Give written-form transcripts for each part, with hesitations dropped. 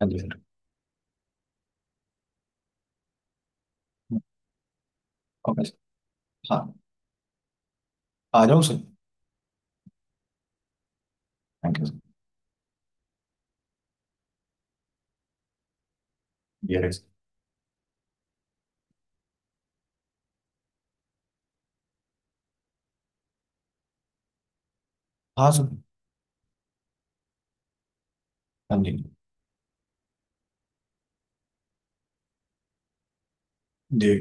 and okay, हाँ। आ जाऊँ सर। Thank you. यस। हाँ सर। हाँ जी। जी।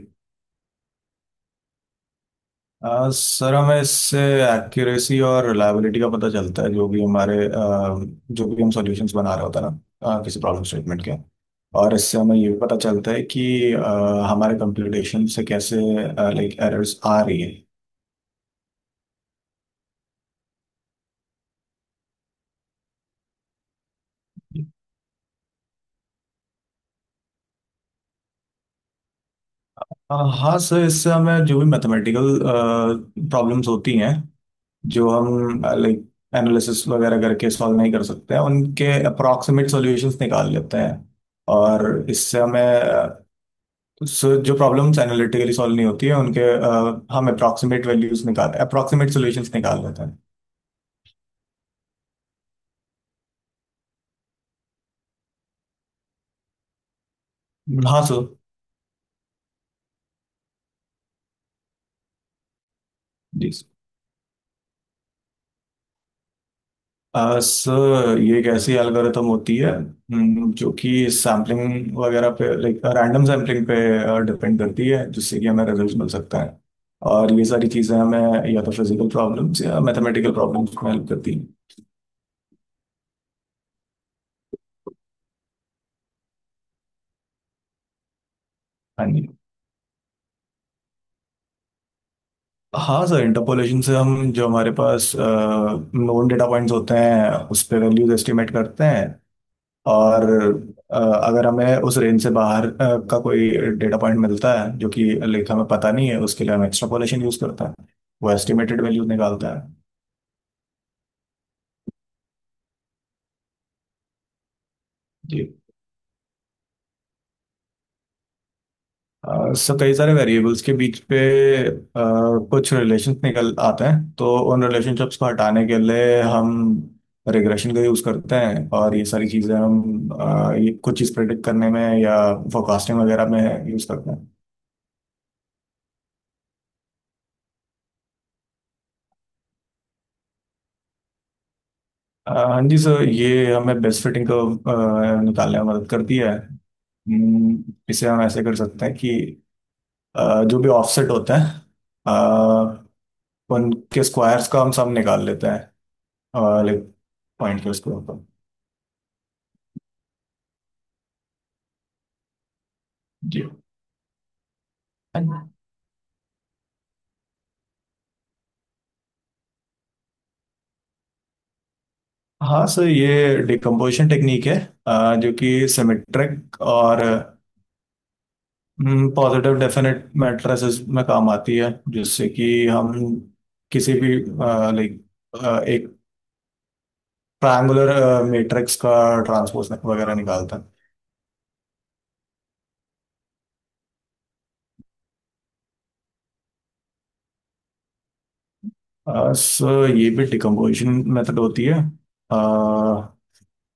सर हमें इससे एक्यूरेसी और रिलायबिलिटी का पता चलता है जो भी हमारे जो भी हम सॉल्यूशंस बना रहे होते हैं ना, किसी प्रॉब्लम स्टेटमेंट के। और इससे हमें ये भी पता चलता है कि हमारे कंप्यूटेशन से कैसे लाइक एरर्स आ रही है। हाँ सर, इससे हमें जो भी मैथमेटिकल प्रॉब्लम्स होती हैं जो हम लाइक एनालिसिस वगैरह करके सॉल्व नहीं कर सकते हैं उनके अप्रॉक्सीमेट सॉल्यूशंस निकाल लेते हैं। और इससे हमें जो प्रॉब्लम्स एनालिटिकली सॉल्व नहीं होती है उनके हम अप्रॉक्सीमेट सॉल्यूशंस निकाल लेते हैं। हाँ सो। जी so। सर ये एक ऐसी एल्गोरिथम होती है, जो कि सैम्पलिंग वगैरह पे लाइक रैंडम सैम्पलिंग पे डिपेंड करती है जिससे कि हमें रिजल्ट मिल सकता है। और ये सारी चीज़ें हमें या तो फिजिकल प्रॉब्लम्स या मैथमेटिकल प्रॉब्लम्स में हेल्प करती हैं। हाँ जी। हाँ सर, इंटरपोलेशन से हम जो हमारे पास नोन डेटा पॉइंट्स होते हैं उस पर वैल्यूज एस्टिमेट करते हैं। और अगर हमें उस रेंज से बाहर का कोई डेटा पॉइंट मिलता है जो कि लेखा में पता नहीं है उसके लिए हम एक्सट्रापोलेशन यूज करता है, वो एस्टिमेटेड वैल्यू निकालता है। जी। सो कई सारे वेरिएबल्स के बीच पे अ, कुछ रिलेशन निकल आते हैं तो उन रिलेशनशिप्स को हटाने के लिए हम रिग्रेशन का यूज करते हैं। और ये सारी चीजें हम, ये कुछ चीज प्रेडिक्ट करने में या फोरकास्टिंग वगैरह में यूज करते हैं। हाँ जी सर, ये हमें बेस्ट फिटिंग को निकालने में मदद करती है, इसे हम ऐसे कर सकते हैं कि जो भी ऑफसेट होते हैं, अ, उनके स्क्वायर्स का हम सब निकाल लेते हैं लाइक पॉइंट के स्क्वायर पर। जी। हाँ सर, ये डिकम्पोजिशन टेक्निक है, जो कि सिमेट्रिक और पॉजिटिव डेफिनेट मैट्रिसेस में काम आती है जिससे कि हम किसी भी लाइक ट्रायंगुलर मैट्रिक्स का ट्रांसपोज वगैरह निकालता है। सो ये भी डिकम्पोजिशन मेथड होती है, अ,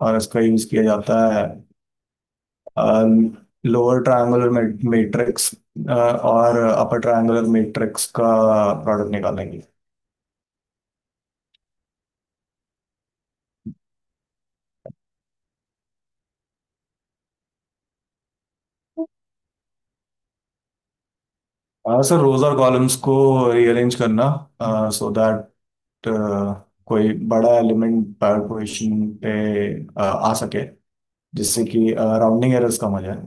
और इसका यूज किया जाता है लोअर ट्रायंगुलर मैट्रिक्स और अपर ट्रायंगुलर मैट्रिक्स का प्रोडक्ट निकालेंगे। सर रोज और कॉलम्स को रीअरेंज करना सो दैट कोई बड़ा एलिमेंट पोजिशन पे आ सके जिससे कि राउंडिंग एरर्स कम हो जाए।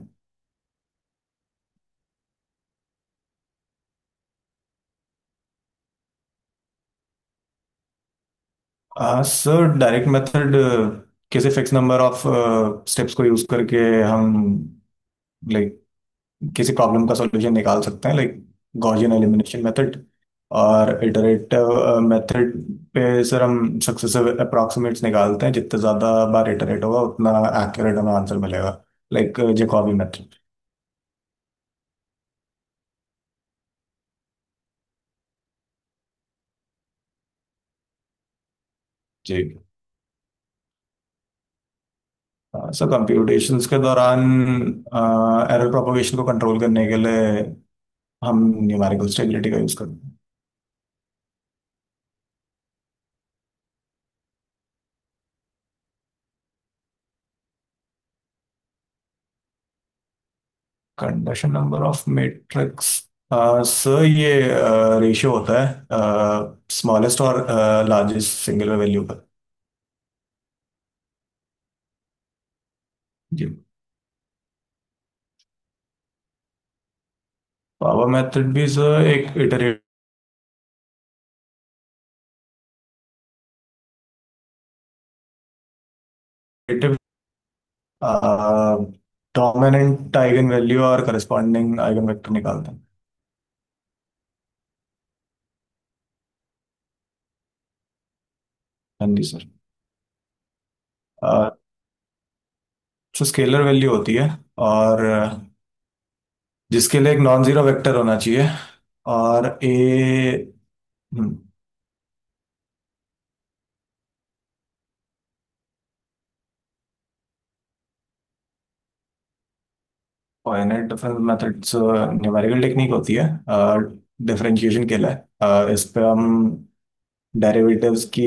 सर डायरेक्ट मेथड किसी फिक्स नंबर ऑफ स्टेप्स को यूज करके हम लाइक किसी प्रॉब्लम का सॉल्यूशन निकाल सकते हैं लाइक गॉसियन एलिमिनेशन मेथड। और इटरेटिव मेथड पे सर हम सक्सेसिव अप्रॉक्सीमेट्स निकालते हैं, जितने ज़्यादा बार इटरेट होगा उतना एक्यूरेट हमें आंसर मिलेगा लाइक जैकॉबी मेथड। जी। सर कंप्यूटेशंस के दौरान एरर प्रोपगेशन को कंट्रोल करने के लिए हम न्यूमेरिकल स्टेबिलिटी का यूज़ करते हैं। Condition number of matrix, sir ये रेशियो होता है स्मॉलेस्ट और लार्जेस्ट सिंगल वैल्यू का। जी। पावर मेथड भी सर एक इटरेटिव डोमिनेंट आइगन वैल्यू और करस्पॉन्डिंग आइगन वेक्टर निकालते हैं। हाँ जी सर। अह, सो स्केलर वैल्यू होती है और, जिसके लिए एक नॉन जीरो वेक्टर होना चाहिए और a. Finite difference methods numerical technique होती है डिफरेंशिएशन के लिए। इस पे हम डेरिवेटिव्स की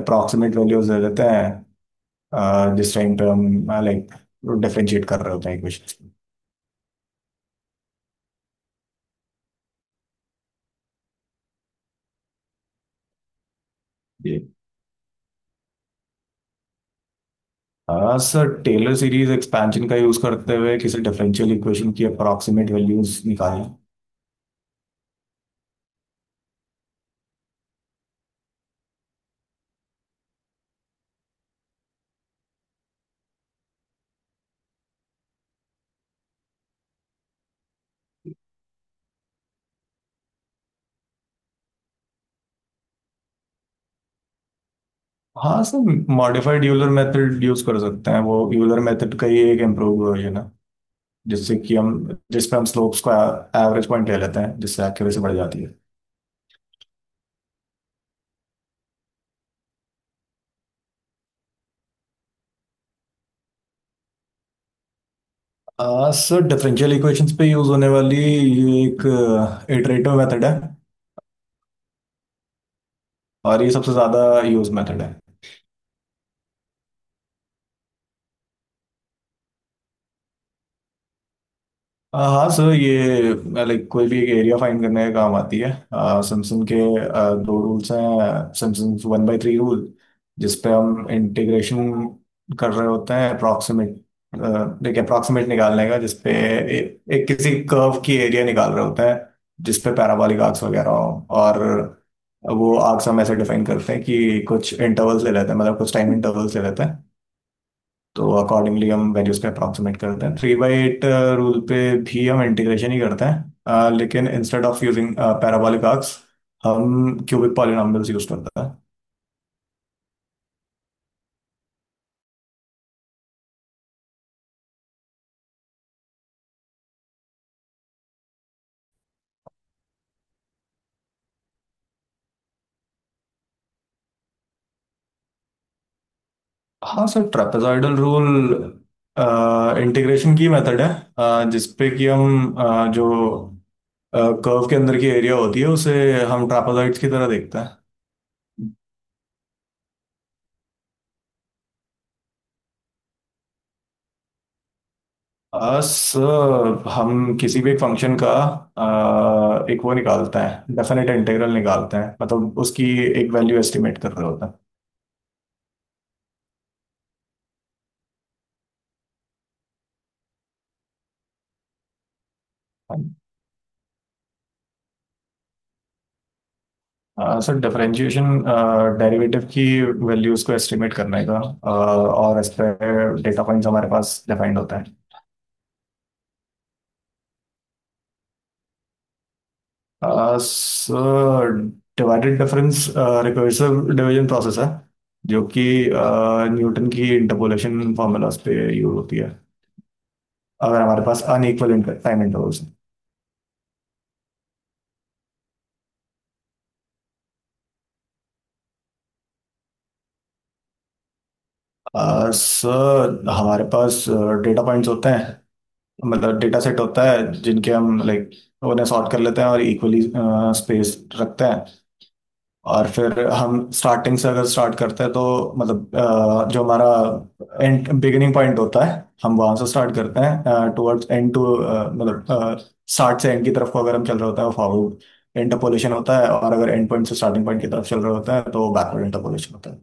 अप्रॉक्सीमेट वैल्यूज दे देते हैं, जिस टाइम पे हम लाइक डिफरेंशिएट कर रहे होते हैं इक्वेशन। जी। हाँ सर, टेलर सीरीज एक्सपेंशन का यूज करते हुए किसी डिफरेंशियल इक्वेशन की अप्रॉक्सीमेट वैल्यूज निकालें। हाँ sir, modified Euler method use कर सकते हैं, वो यूलर मेथड का ही एक इम्प्रूव वर्जन है। जिससे कि हम जिसमें हम स्लोप्स का एवरेज पॉइंट ले लेते हैं जिससे एक्यूरेसी बढ़ जाती है। सर डिफरेंशियल इक्वेशंस पे यूज होने वाली ये एक इटरेटिव मेथड है और ये सबसे ज्यादा यूज मेथड है। हाँ सर, ये लाइक कोई भी एक एरिया फाइंड करने का काम आती है। सैमसंग के दो रूल्स हैं, Simpson one by three rule जिसपे हम इंटीग्रेशन कर रहे होते हैं अप्रॉक्सीमेट, लाइक अप्रॉक्सीमेट निकालने का जिसपे एक किसी कर्व की एरिया निकाल रहे होते हैं जिसपे पैराबोलिक आर्क्स वगैरह हो, और वो आर्क्स हम ऐसे डिफाइन करते हैं कि कुछ इंटरवल्स ले लेते हैं, मतलब कुछ टाइम इंटरवल्स ले लेते हैं। तो अकॉर्डिंगली हम वैल्यूज पे अप्रॉक्सीमेट करते हैं। थ्री बाई एट रूल पे भी हम इंटीग्रेशन ही करते हैं, लेकिन instead of using parabolic arcs हम क्यूबिक पॉलिनॉमियल्स यूज करते हैं। हाँ सर, ट्रेपेजॉइडल रूल इंटीग्रेशन की मेथड है, जिसपे कि हम जो कर्व के अंदर की एरिया होती है उसे हम ट्रापेजॉइड्स की तरह देखते हैं। सर हम किसी भी एक फंक्शन का एक वो निकालते हैं, डेफिनेट इंटीग्रल निकालते हैं, मतलब उसकी एक वैल्यू एस्टिमेट कर रहे होते हैं। सर डिफरेंशिएशन डेरिवेटिव की वैल्यूज को एस्टिमेट करने का, और इस पे डेटा पॉइंट्स हमारे पास डिफाइंड होते हैं। Sir divided difference recursive division process है जो कि न्यूटन की इंटरपोलेशन फार्मूलाज पे यूज होती है अगर हमारे पास अनइक्वल टाइम इंटरवल्स। सर हमारे पास डेटा पॉइंट्स होते हैं, मतलब डेटा सेट होता है जिनके हम लाइक उन्हें सॉर्ट कर लेते हैं और इक्वली स्पेस रखते हैं। और फिर हम स्टार्टिंग से अगर स्टार्ट करते हैं तो मतलब, जो हमारा एंड बिगिनिंग पॉइंट होता है हम वहां से स्टार्ट करते हैं टुवर्ड्स एंड टू, मतलब स्टार्ट से एंड की तरफ को अगर हम चल रहे होते हैं फॉरवर्ड इंटरपोलेशन होता है, और अगर एंड पॉइंट से स्टार्टिंग पॉइंट की तरफ चल रहे होते हैं तो बैकवर्ड इंटरपोलेशन होता है।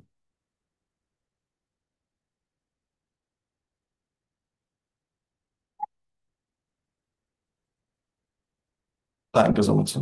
Thank you so much.